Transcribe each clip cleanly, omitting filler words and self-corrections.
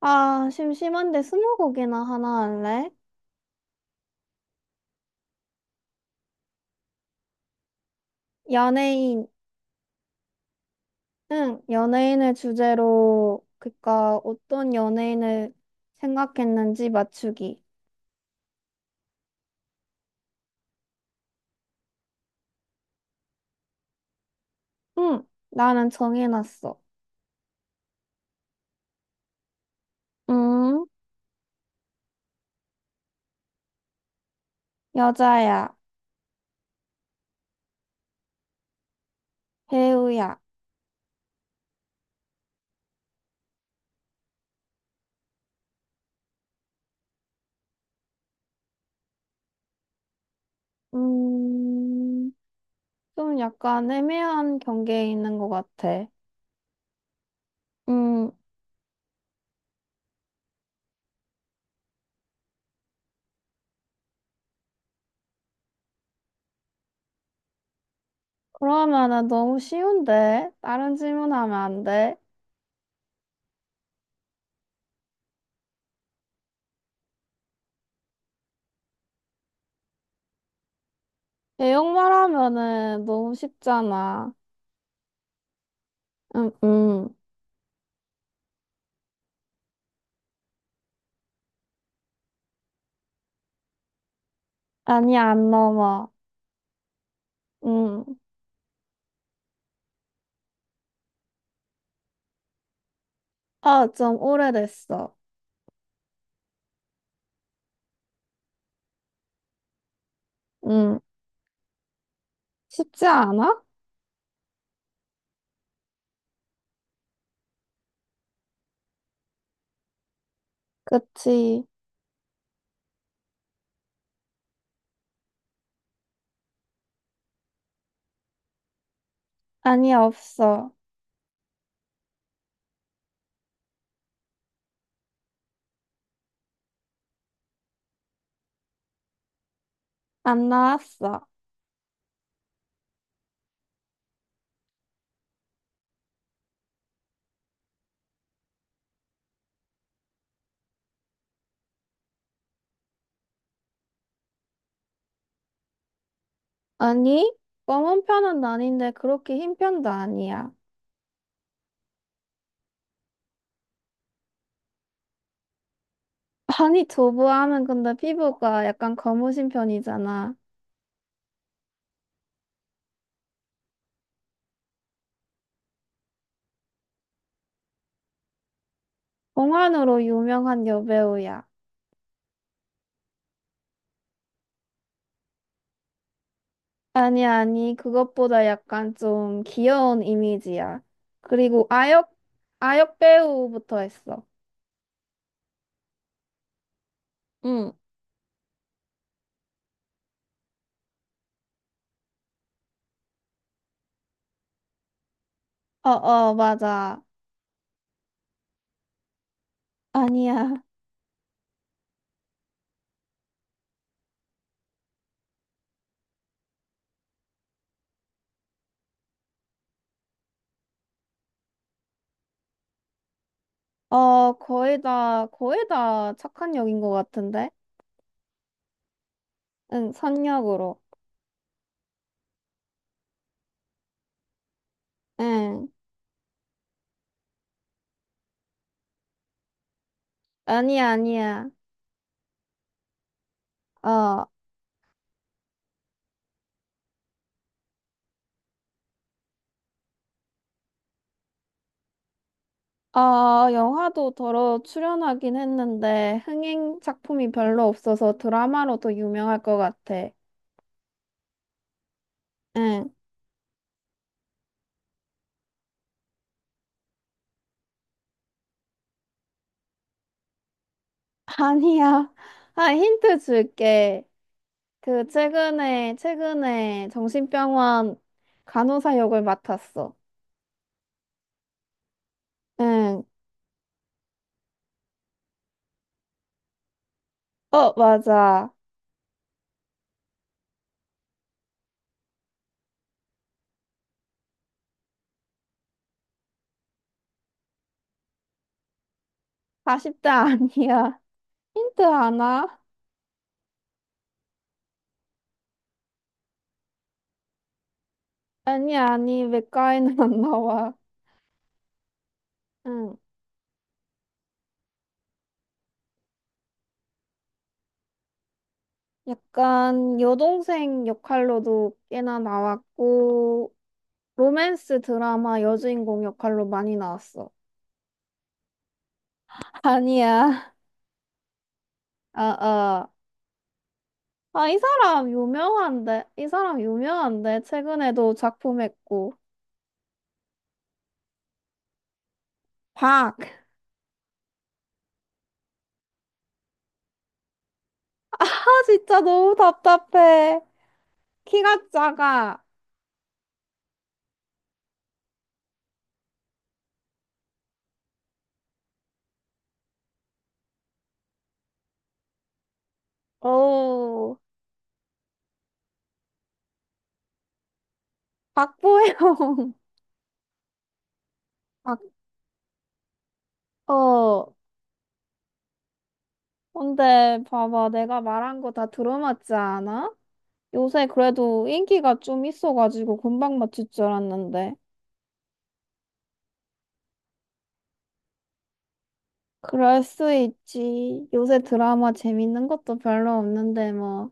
아, 심심한데 스무고개나 하나 할래? 연예인, 응, 연예인을 주제로, 그니까 어떤 연예인을 생각했는지 맞추기. 응, 나는 정해놨어. 음, 여자야, 배우야. 음, 좀 약간 애매한 경계에 있는 것 같아. 음, 그러면은 너무 쉬운데? 다른 질문하면 안 돼? 내용 말하면은 너무 쉽잖아. 응, 응. 아니, 안 넘어. 음. 어, 좀 오래됐어. 음. 쉽지 않아? 그치. 아니, 없어. 안 나왔어. 아니, 검은 편은 아닌데 그렇게 흰 편도 아니야. 아니, 두부암은 근데 피부가 약간 검으신 편이잖아. 봉환으로 유명한 여배우야. 아니, 그것보다 약간 좀 귀여운 이미지야. 그리고 아역, 아역 배우부터 했어. 응. 어, 맞아. 아니야. 어, 거의 다 착한 역인 것 같은데? 응, 선역으로. 응. 아니야. 어, 어, 영화도 더러 출연하긴 했는데, 흥행 작품이 별로 없어서 드라마로 더 유명할 것 같아. 응. 아니야. 아, 힌트 줄게. 그, 최근에 정신병원 간호사 역을 맡았어. 응. 어, 맞아. 40대 아니야. 힌트 하나? 아니, 맥가에는 안 나와. 응. 약간 여동생 역할로도 꽤나 나왔고, 로맨스 드라마 여주인공 역할로 많이 나왔어. 아니야. 아, 아. 아, 이 사람 유명한데? 이 사람 유명한데? 최근에도 작품했고. 박! 아, 진짜 너무 답답해. 키가 작아. 어우, 박보영. 박, 어. 근데 봐봐, 내가 말한 거 다 들어맞지 않아? 요새 그래도 인기가 좀 있어가지고 금방 맞출 줄 알았는데. 그럴 수 있지. 요새 드라마 재밌는 것도 별로 없는데 뭐.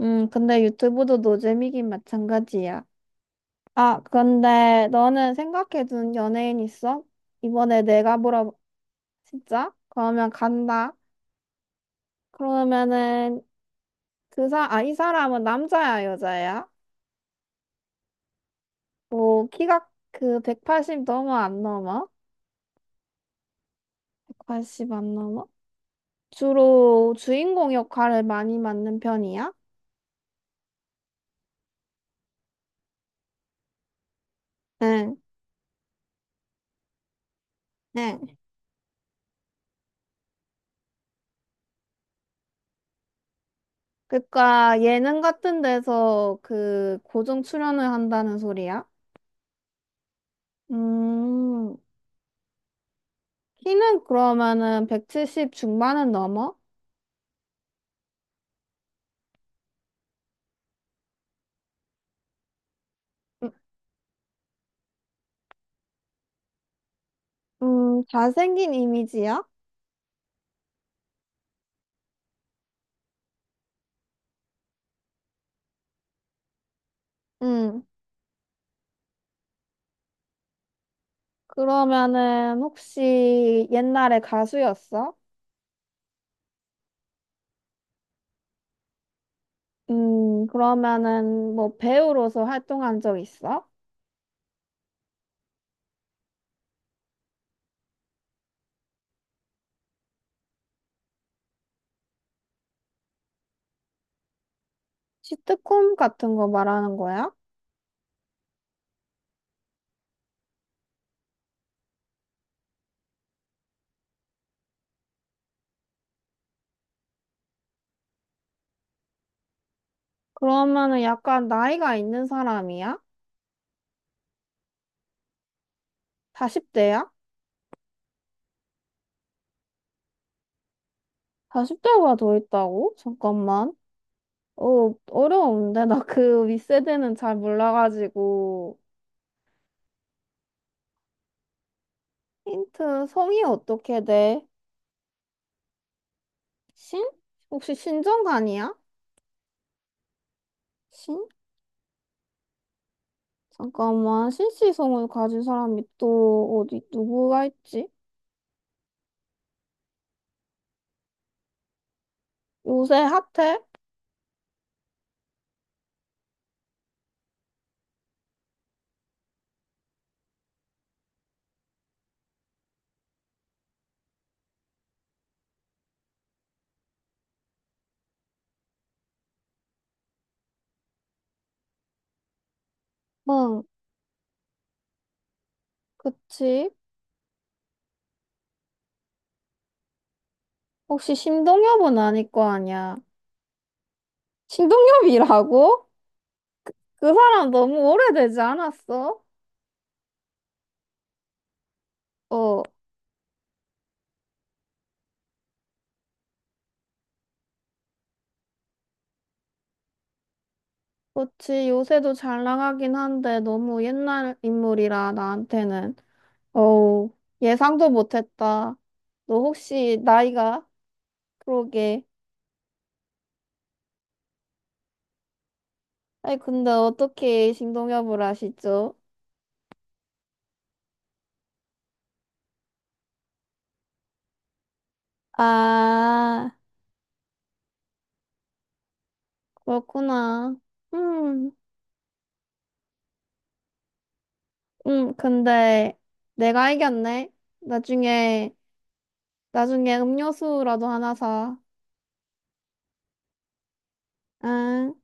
근데 유튜브도 노잼이긴 마찬가지야. 아, 근데 너는 생각해둔 연예인 있어? 이번에 내가 물어, 진짜? 그러면 간다. 그러면은 아, 이 사람은 남자야, 여자야? 뭐 키가 그 180 넘어 안 넘어? 180 안 넘어? 주로 주인공 역할을 많이 맡는 편이야? 응, 응. 그러니까 예능 같은 데서 그 고정 출연을 한다는 소리야? 음, 키는 그러면은 170 중반은 넘어? 음, 잘생긴 이미지야? 응. 그러면은 혹시 옛날에 가수였어? 그러면은 뭐 배우로서 활동한 적 있어? 시트콤 같은 거 말하는 거야? 그러면은 약간 나이가 있는 사람이야? 40대야? 40대가 더 있다고? 잠깐만. 어, 어려운데? 나 그 윗세대는 잘 몰라가지고. 힌트, 성이 어떻게 돼? 신? 혹시 신정관이야? 신? 잠깐만. 신씨 성을 가진 사람이 또 어디, 누구가 있지? 요새 핫해? 응, 그치. 혹시 신동엽은 아닐 거 아니야? 신동엽이라고? 그 사람 너무 오래되지 않았어? 어, 그렇지. 요새도 잘 나가긴 한데 너무 옛날 인물이라 나한테는. 어우, 예상도 못했다. 너 혹시 나이가? 그러게. 아니, 근데 어떻게 신동엽을 아시죠? 아, 그렇구나. 음, 근데 내가 이겼네. 나중에, 나중에 음료수라도 하나 사. 응.